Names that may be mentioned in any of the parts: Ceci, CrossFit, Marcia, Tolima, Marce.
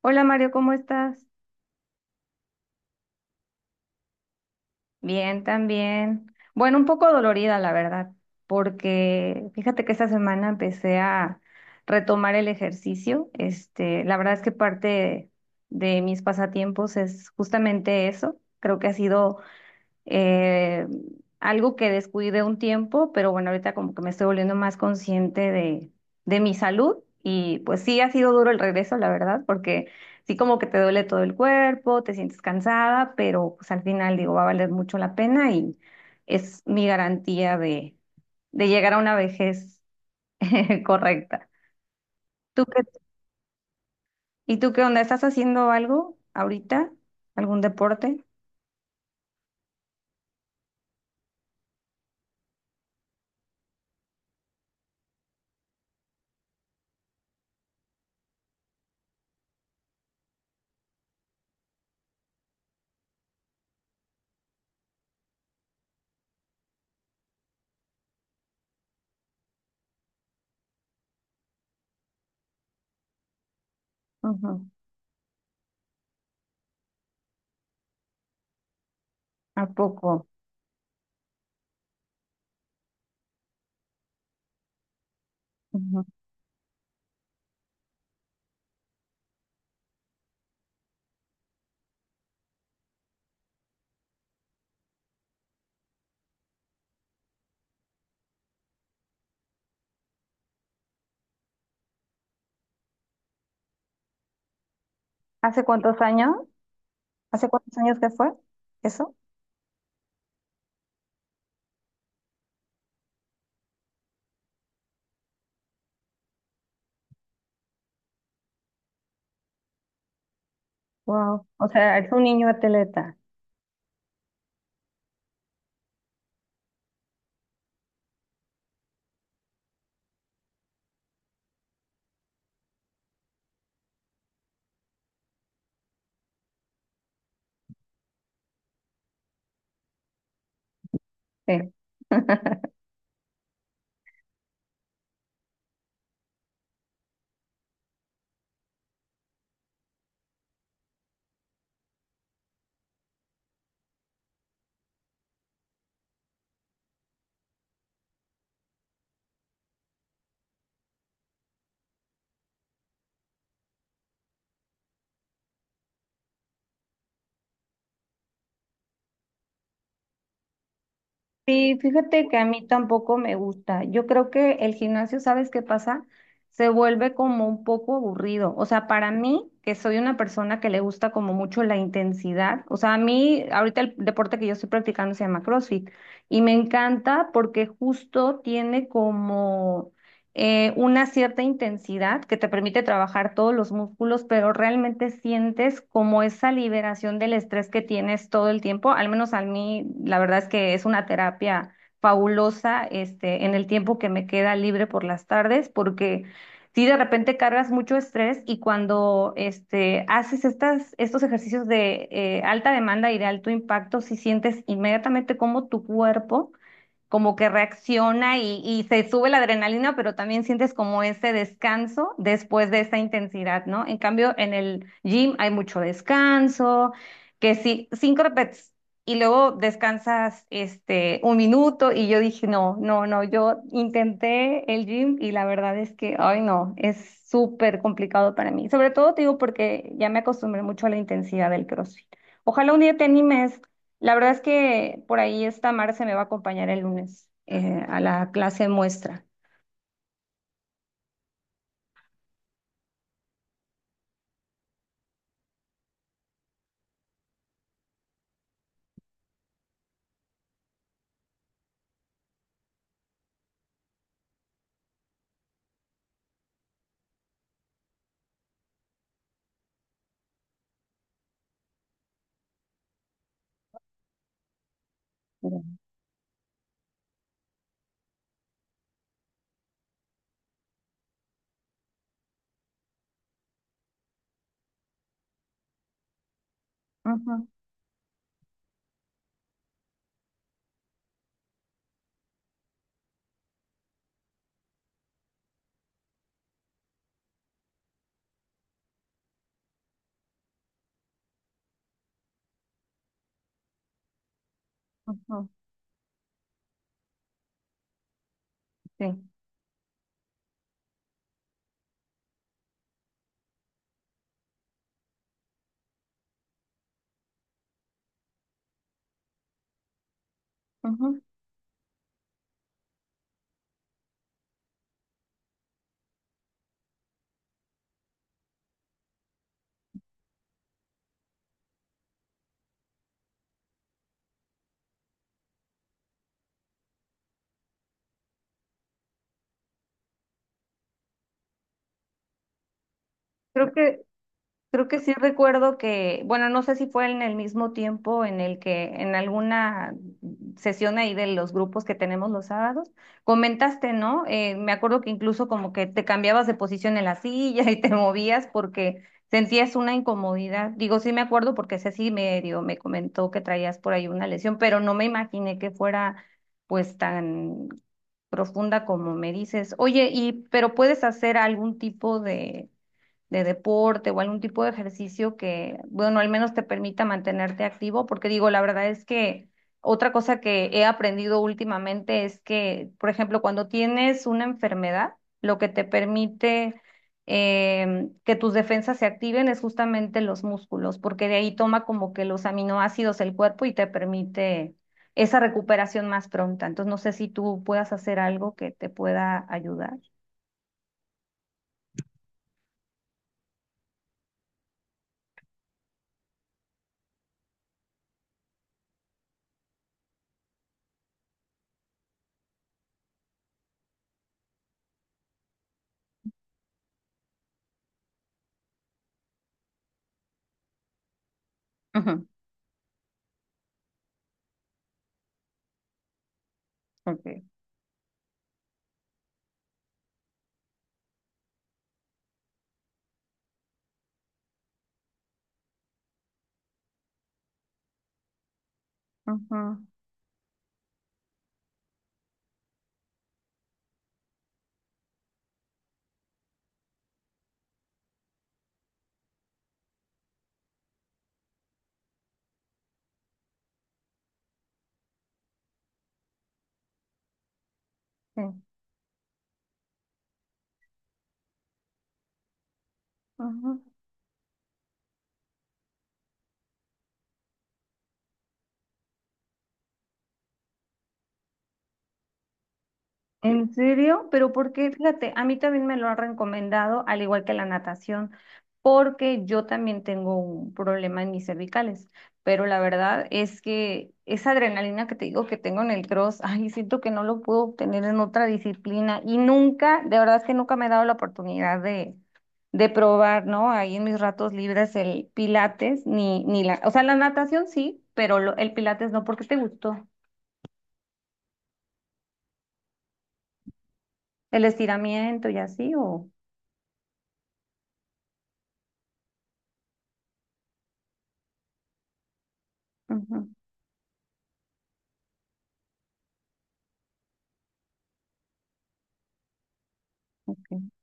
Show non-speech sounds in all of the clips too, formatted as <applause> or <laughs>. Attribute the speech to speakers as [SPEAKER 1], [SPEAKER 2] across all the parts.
[SPEAKER 1] Hola Mario, ¿cómo estás? Bien, también. Bueno, un poco dolorida, la verdad, porque fíjate que esta semana empecé a retomar el ejercicio. La verdad es que parte de, mis pasatiempos es justamente eso. Creo que ha sido eh, algo que descuidé un tiempo, pero bueno, ahorita como que me estoy volviendo más consciente de, mi salud y pues sí ha sido duro el regreso, la verdad, porque sí como que te duele todo el cuerpo, te sientes cansada, pero pues al final digo, va a valer mucho la pena y es mi garantía de llegar a una vejez <laughs> correcta. ¿Tú qué, ¿Y tú qué onda? ¿Estás haciendo algo ahorita? ¿Algún deporte? Ujú. ¿A poco? Ujú. ¿Hace cuántos años? ¿Hace cuántos años que fue eso? Wow. O sea, es un niño atleta. Sí. <laughs> Sí, fíjate que a mí tampoco me gusta. Yo creo que el gimnasio, ¿sabes qué pasa? Se vuelve como un poco aburrido. O sea, para mí, que soy una persona que le gusta como mucho la intensidad. O sea, a mí, ahorita el deporte que yo estoy practicando se llama CrossFit y me encanta porque justo tiene como... una cierta intensidad que te permite trabajar todos los músculos, pero realmente sientes como esa liberación del estrés que tienes todo el tiempo. Al menos a mí, la verdad es que es una terapia fabulosa, este, en el tiempo que me queda libre por las tardes, porque si de repente cargas mucho estrés y cuando haces estas, estos ejercicios de alta demanda y de alto impacto, si sientes inmediatamente cómo tu cuerpo como que reacciona y se sube la adrenalina, pero también sientes como ese descanso después de esa intensidad, ¿no? En cambio, en el gym hay mucho descanso, que sí, 5 reps y luego descansas este un minuto y yo dije, no, no, no, yo intenté el gym y la verdad es que, ay, no, es súper complicado para mí. Sobre todo te digo porque ya me acostumbré mucho a la intensidad del CrossFit. Ojalá un día te animes. La verdad es que por ahí esta Marce me va a acompañar el lunes a la clase muestra. Ujú, ujú, sí, ujú. Creo que Creo que sí recuerdo que, bueno, no sé si fue en el mismo tiempo en el que en alguna sesión ahí de los grupos que tenemos los sábados, comentaste, ¿no? Me acuerdo que incluso como que te cambiabas de posición en la silla <laughs> y te movías porque sentías una incomodidad. Digo, sí me acuerdo porque Ceci medio me comentó que traías por ahí una lesión, pero no me imaginé que fuera pues tan profunda como me dices. Oye, y pero puedes hacer algún tipo de deporte o algún tipo de ejercicio que, bueno, al menos te permita mantenerte activo, porque digo, la verdad es que otra cosa que he aprendido últimamente es que, por ejemplo, cuando tienes una enfermedad, lo que te permite que tus defensas se activen es justamente los músculos, porque de ahí toma como que los aminoácidos el cuerpo y te permite esa recuperación más pronta. Entonces, no sé si tú puedas hacer algo que te pueda ayudar. Ujú, ok. Ujú, sí. Ajá. ¿En serio? Pero porque, fíjate, a mí también me lo han recomendado, al igual que la natación, porque yo también tengo un problema en mis cervicales. Pero la verdad es que esa adrenalina que te digo que tengo en el cross, ay, siento que no lo puedo obtener en otra disciplina. Y nunca, de verdad es que nunca me he dado la oportunidad de probar, ¿no? Ahí en mis ratos libres el pilates, ni la, o sea, la natación sí, pero lo- el pilates no, ¿porque te gustó? ¿El estiramiento y así o...? Ujú, ok.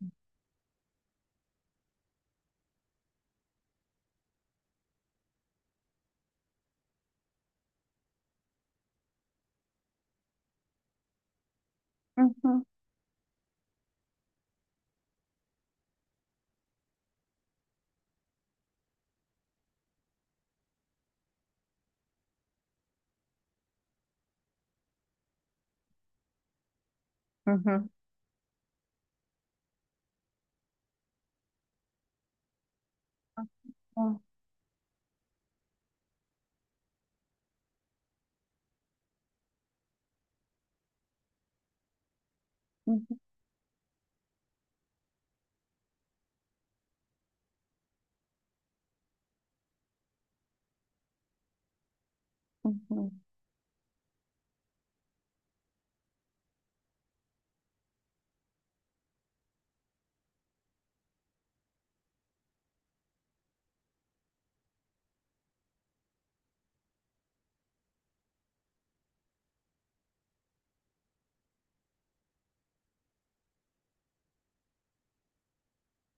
[SPEAKER 1] Ujú, ujú, ujú, ujú, ujú,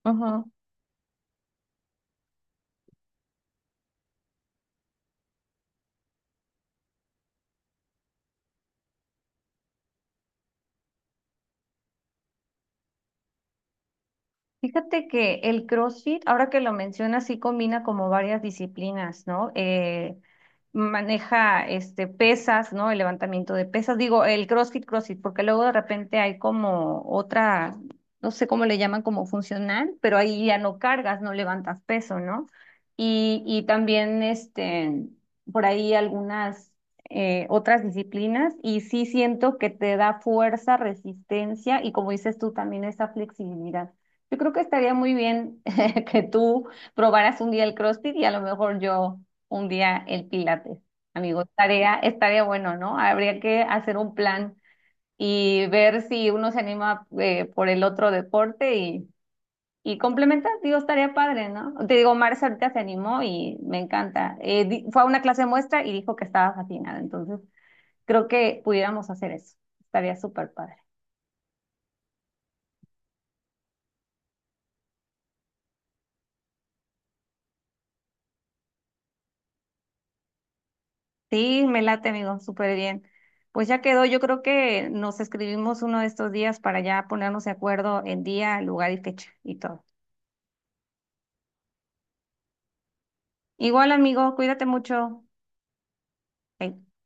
[SPEAKER 1] ujú. Fíjate que el CrossFit, ahora que lo mencionas, sí combina como varias disciplinas, ¿no? Maneja este pesas, ¿no? El levantamiento de pesas. Digo, el CrossFit, CrossFit, porque luego de repente hay como otra, no sé cómo le llaman, como funcional, pero ahí ya no cargas, no levantas peso, ¿no? Y también este, por ahí algunas otras disciplinas, y sí siento que te da fuerza, resistencia y como dices tú, también esa flexibilidad. Yo creo que estaría muy bien <laughs> que tú probaras un día el CrossFit y a lo mejor yo un día el Pilates. Amigo, estaría, estaría bueno, ¿no? Habría que hacer un plan y ver si uno se anima por el otro deporte y complementar. Digo, estaría padre, ¿no? Te digo, Marcia ahorita se animó y me encanta. Fue a una clase de muestra y dijo que estaba fascinada. Entonces, creo que pudiéramos hacer eso. Estaría súper padre. Sí, me late, amigo, súper bien. Pues ya quedó, yo creo que nos escribimos uno de estos días para ya ponernos de acuerdo en día, lugar y fecha y todo. Igual, amigo, cuídate mucho. Bye.